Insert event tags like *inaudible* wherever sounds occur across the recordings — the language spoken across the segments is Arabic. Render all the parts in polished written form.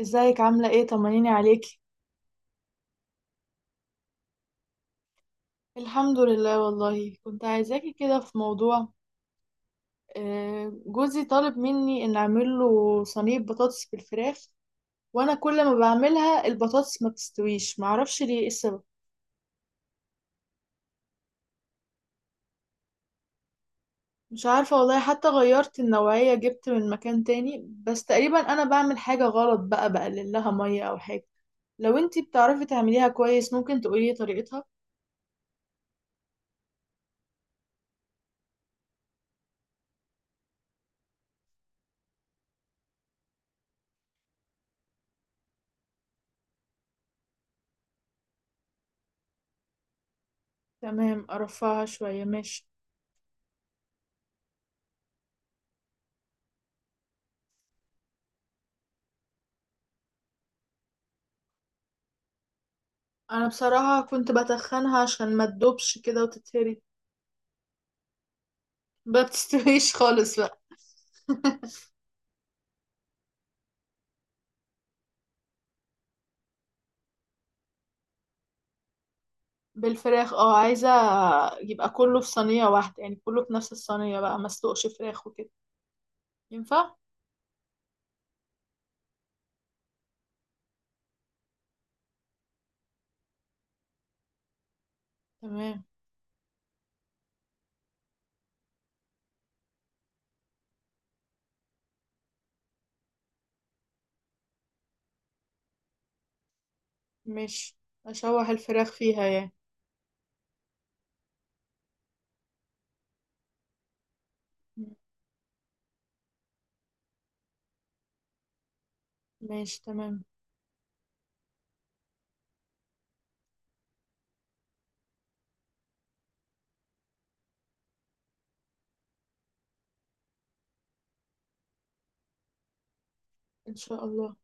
ازيك عاملة ايه؟ طمنيني عليكي. الحمد لله والله كنت عايزاكي كده في موضوع. جوزي طالب مني ان اعمل له صينية بطاطس بالفراخ، وانا كل ما بعملها البطاطس ما بتستويش. معرفش ليه، ايه السبب؟ مش عارفة والله، حتى غيرت النوعية، جبت من مكان تاني، بس تقريبا انا بعمل حاجة غلط بقى، بقلل لها مية او حاجة. لو انتي بتعرفي تعمليها كويس ممكن تقولي طريقتها. تمام، ارفعها شوية، ماشي. انا بصراحة كنت بتخنها عشان ما تدوبش كده وتتهري. ما بتستويش خالص بقى. *laughs* بالفراخ، اه عايزة يبقى كله في صينية واحدة، يعني كله في نفس الصينية بقى، ما اسلقش فراخ وكده. ينفع؟ تمام، ماشي. اشوح الفراخ فيها يعني. ماشي، تمام. ان شاء الله.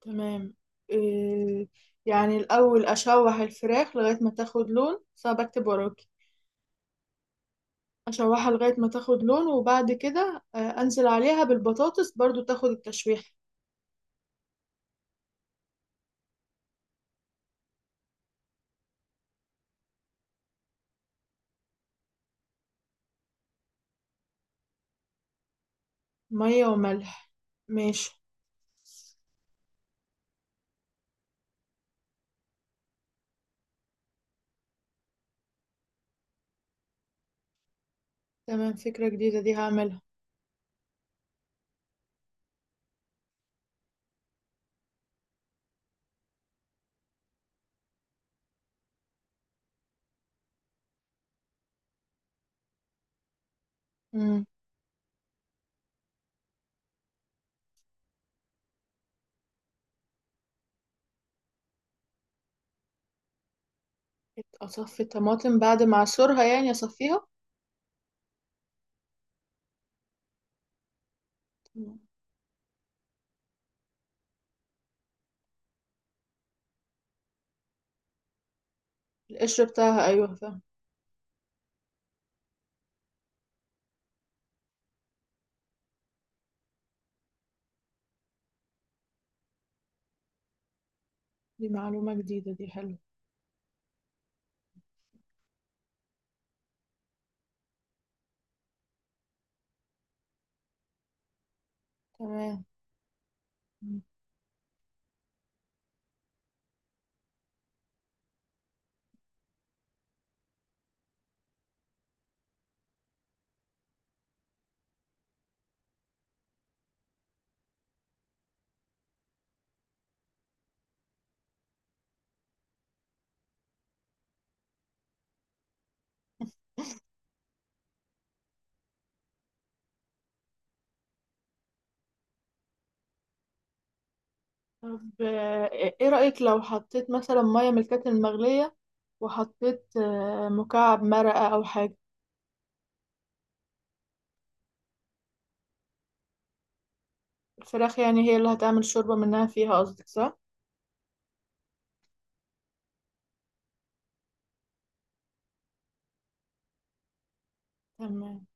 تمام. إيه يعني الاول اشوح الفراخ لغاية ما تاخد لون؟ صعب، اكتب وراكي. اشوحها لغاية ما تاخد لون، وبعد كده انزل عليها بالبطاطس برضو تاخد التشويح. مية وملح، ماشي. تمام، فكرة جديدة دي، هعملها. امم. اصفي الطماطم بعد ما اعصرها، يعني اصفيها. تمام. القشر بتاعها، ايوه فاهم. دي معلومة جديدة دي، حلوة. تمام. مم. طب ايه رأيك لو حطيت مثلا مية من الكاتل المغلية، وحطيت مكعب مرقة او حاجة؟ الفراخ يعني هي اللي هتعمل شوربة منها فيها، قصدك صح؟ تمام.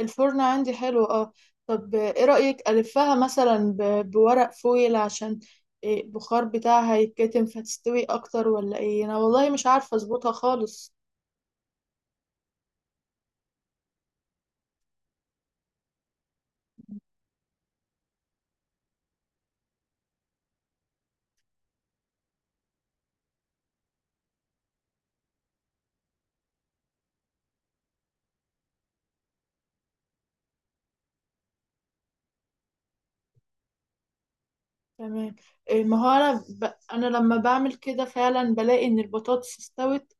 الفرن عندي حلو، اه. طب ايه رأيك بورق فويل، عشان إيه، البخار بتاعها يتكتم فتستوي اكتر، ولا ايه؟ انا والله مش عارفة اظبطها خالص. تمام. إيه ما هو انا ب... انا لما بعمل كده فعلا بلاقي ان البطاطس استوت.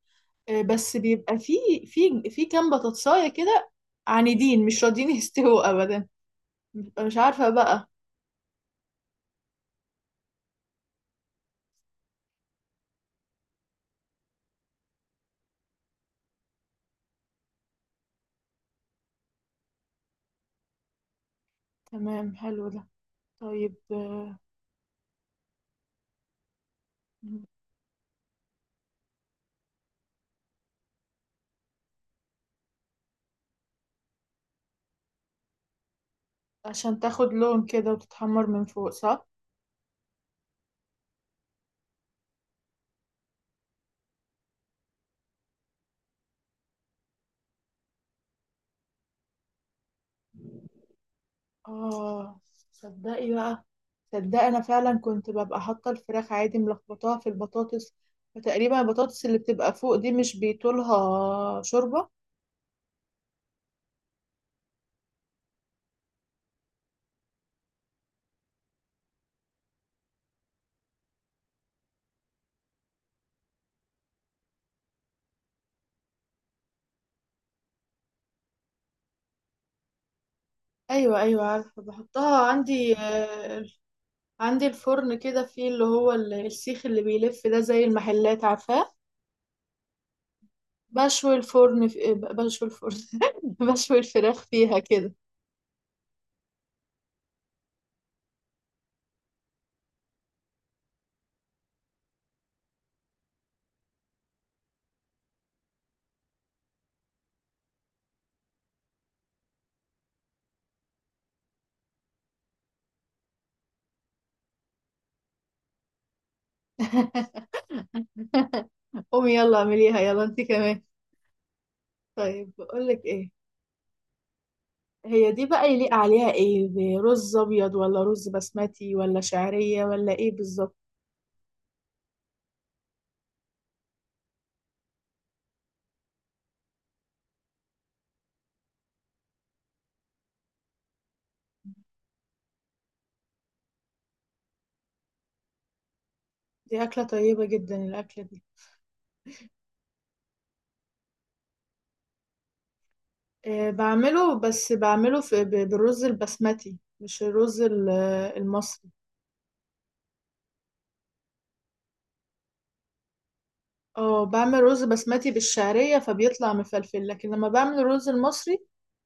إيه بس بيبقى في كام بطاطساية كده عنيدين مش راضيين *laughs* يستووا ابدا. ببقى مش عارفة بقى. تمام، حلو ده. طيب عشان تاخد لون كده وتتحمر من فوق، صح؟ اه، صدقي بقى. صدقي انا فعلا كنت ببقى حاطه الفراخ عادي ملخبطاها في البطاطس، فتقريبا البطاطس اللي بتبقى فوق دي مش بيطولها شوربه. ايوه ايوه عارفه بحطها عندي. عندي الفرن كده فيه السيخ اللي بيلف ده، زي المحلات، عارفاه؟ بشوي الفرن *laughs* بشوي الفراخ فيها كده. *laughs* قومي يلا اعمليها يلا انت كمان. طيب بقول لك ايه، هي دي بقى يليق عليها ايه، دي رز ابيض ولا رز بسمتي ولا شعرية ولا ايه بالظبط؟ دي اكلة طيبة جدا الاكلة دي. أه بعمله، بس بعمله بالرز البسمتي، مش المصري. اه، بعمل رز بسمتي بالشعرية فبيطلع مفلفل، لكن لما بعمل الرز المصري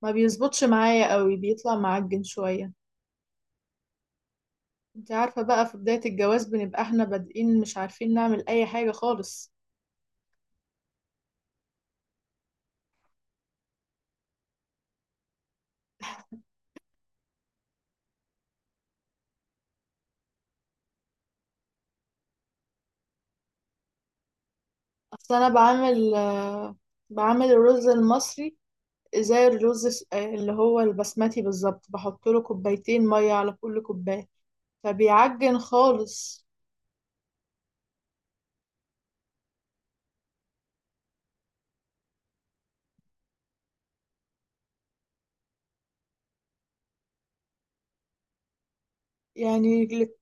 ما بيظبطش معايا قوي، بيطلع معجن شوية. انت عارفة بقى في بداية الجواز بنبقى احنا بادئين مش عارفين نعمل اي حاجة خالص. اصل انا بعمل بعمل الرز المصري زي الرز الس- آه، اللي هو البسمتي بالظبط، بحط له كوبايتين ميه على كل كوبايه، فبيعجن خالص. يعني ل-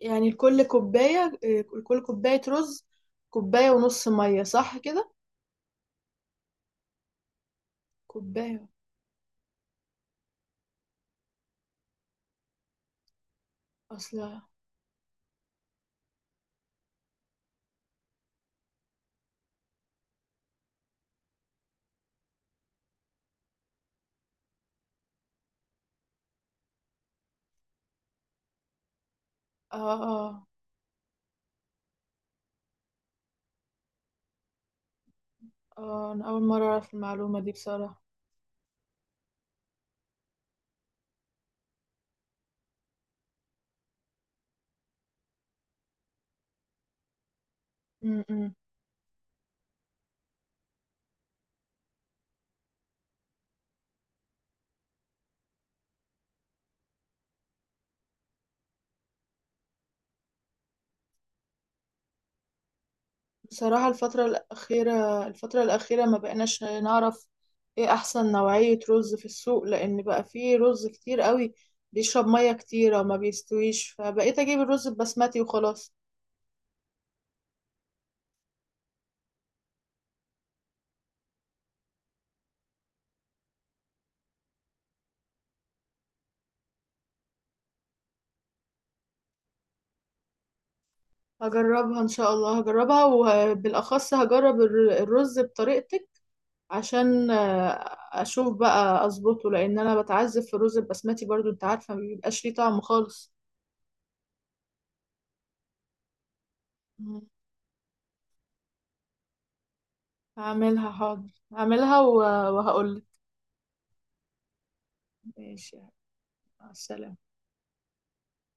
يعني لكل كوبايه، لكل كوبايه رز كوبايه ونص ميه، صح كده؟ كوبايه، اصلا، اه اه اه. انا اول مره اعرف المعلومه دي بصراحه. م- م. بصراحة الفترة الأخيرة ما بقيناش نعرف ايه أحسن نوعية رز في السوق، لأن بقى فيه رز كتير قوي بيشرب مية كتيرة وما بيستويش، فبقيت أجيب الرز البسمتي وخلاص. هجربها إن شاء الله، هجربها، وبالأخص هجرب الرز بطريقتك عشان أشوف بقى أظبطه، لأن أنا بتعذب في الرز البسمتي برضو، أنت عارفة ما بيبقاش ليه طعم خالص. مم. هعملها حاضر، هعملها وهقول. ماشي، مع السلامة.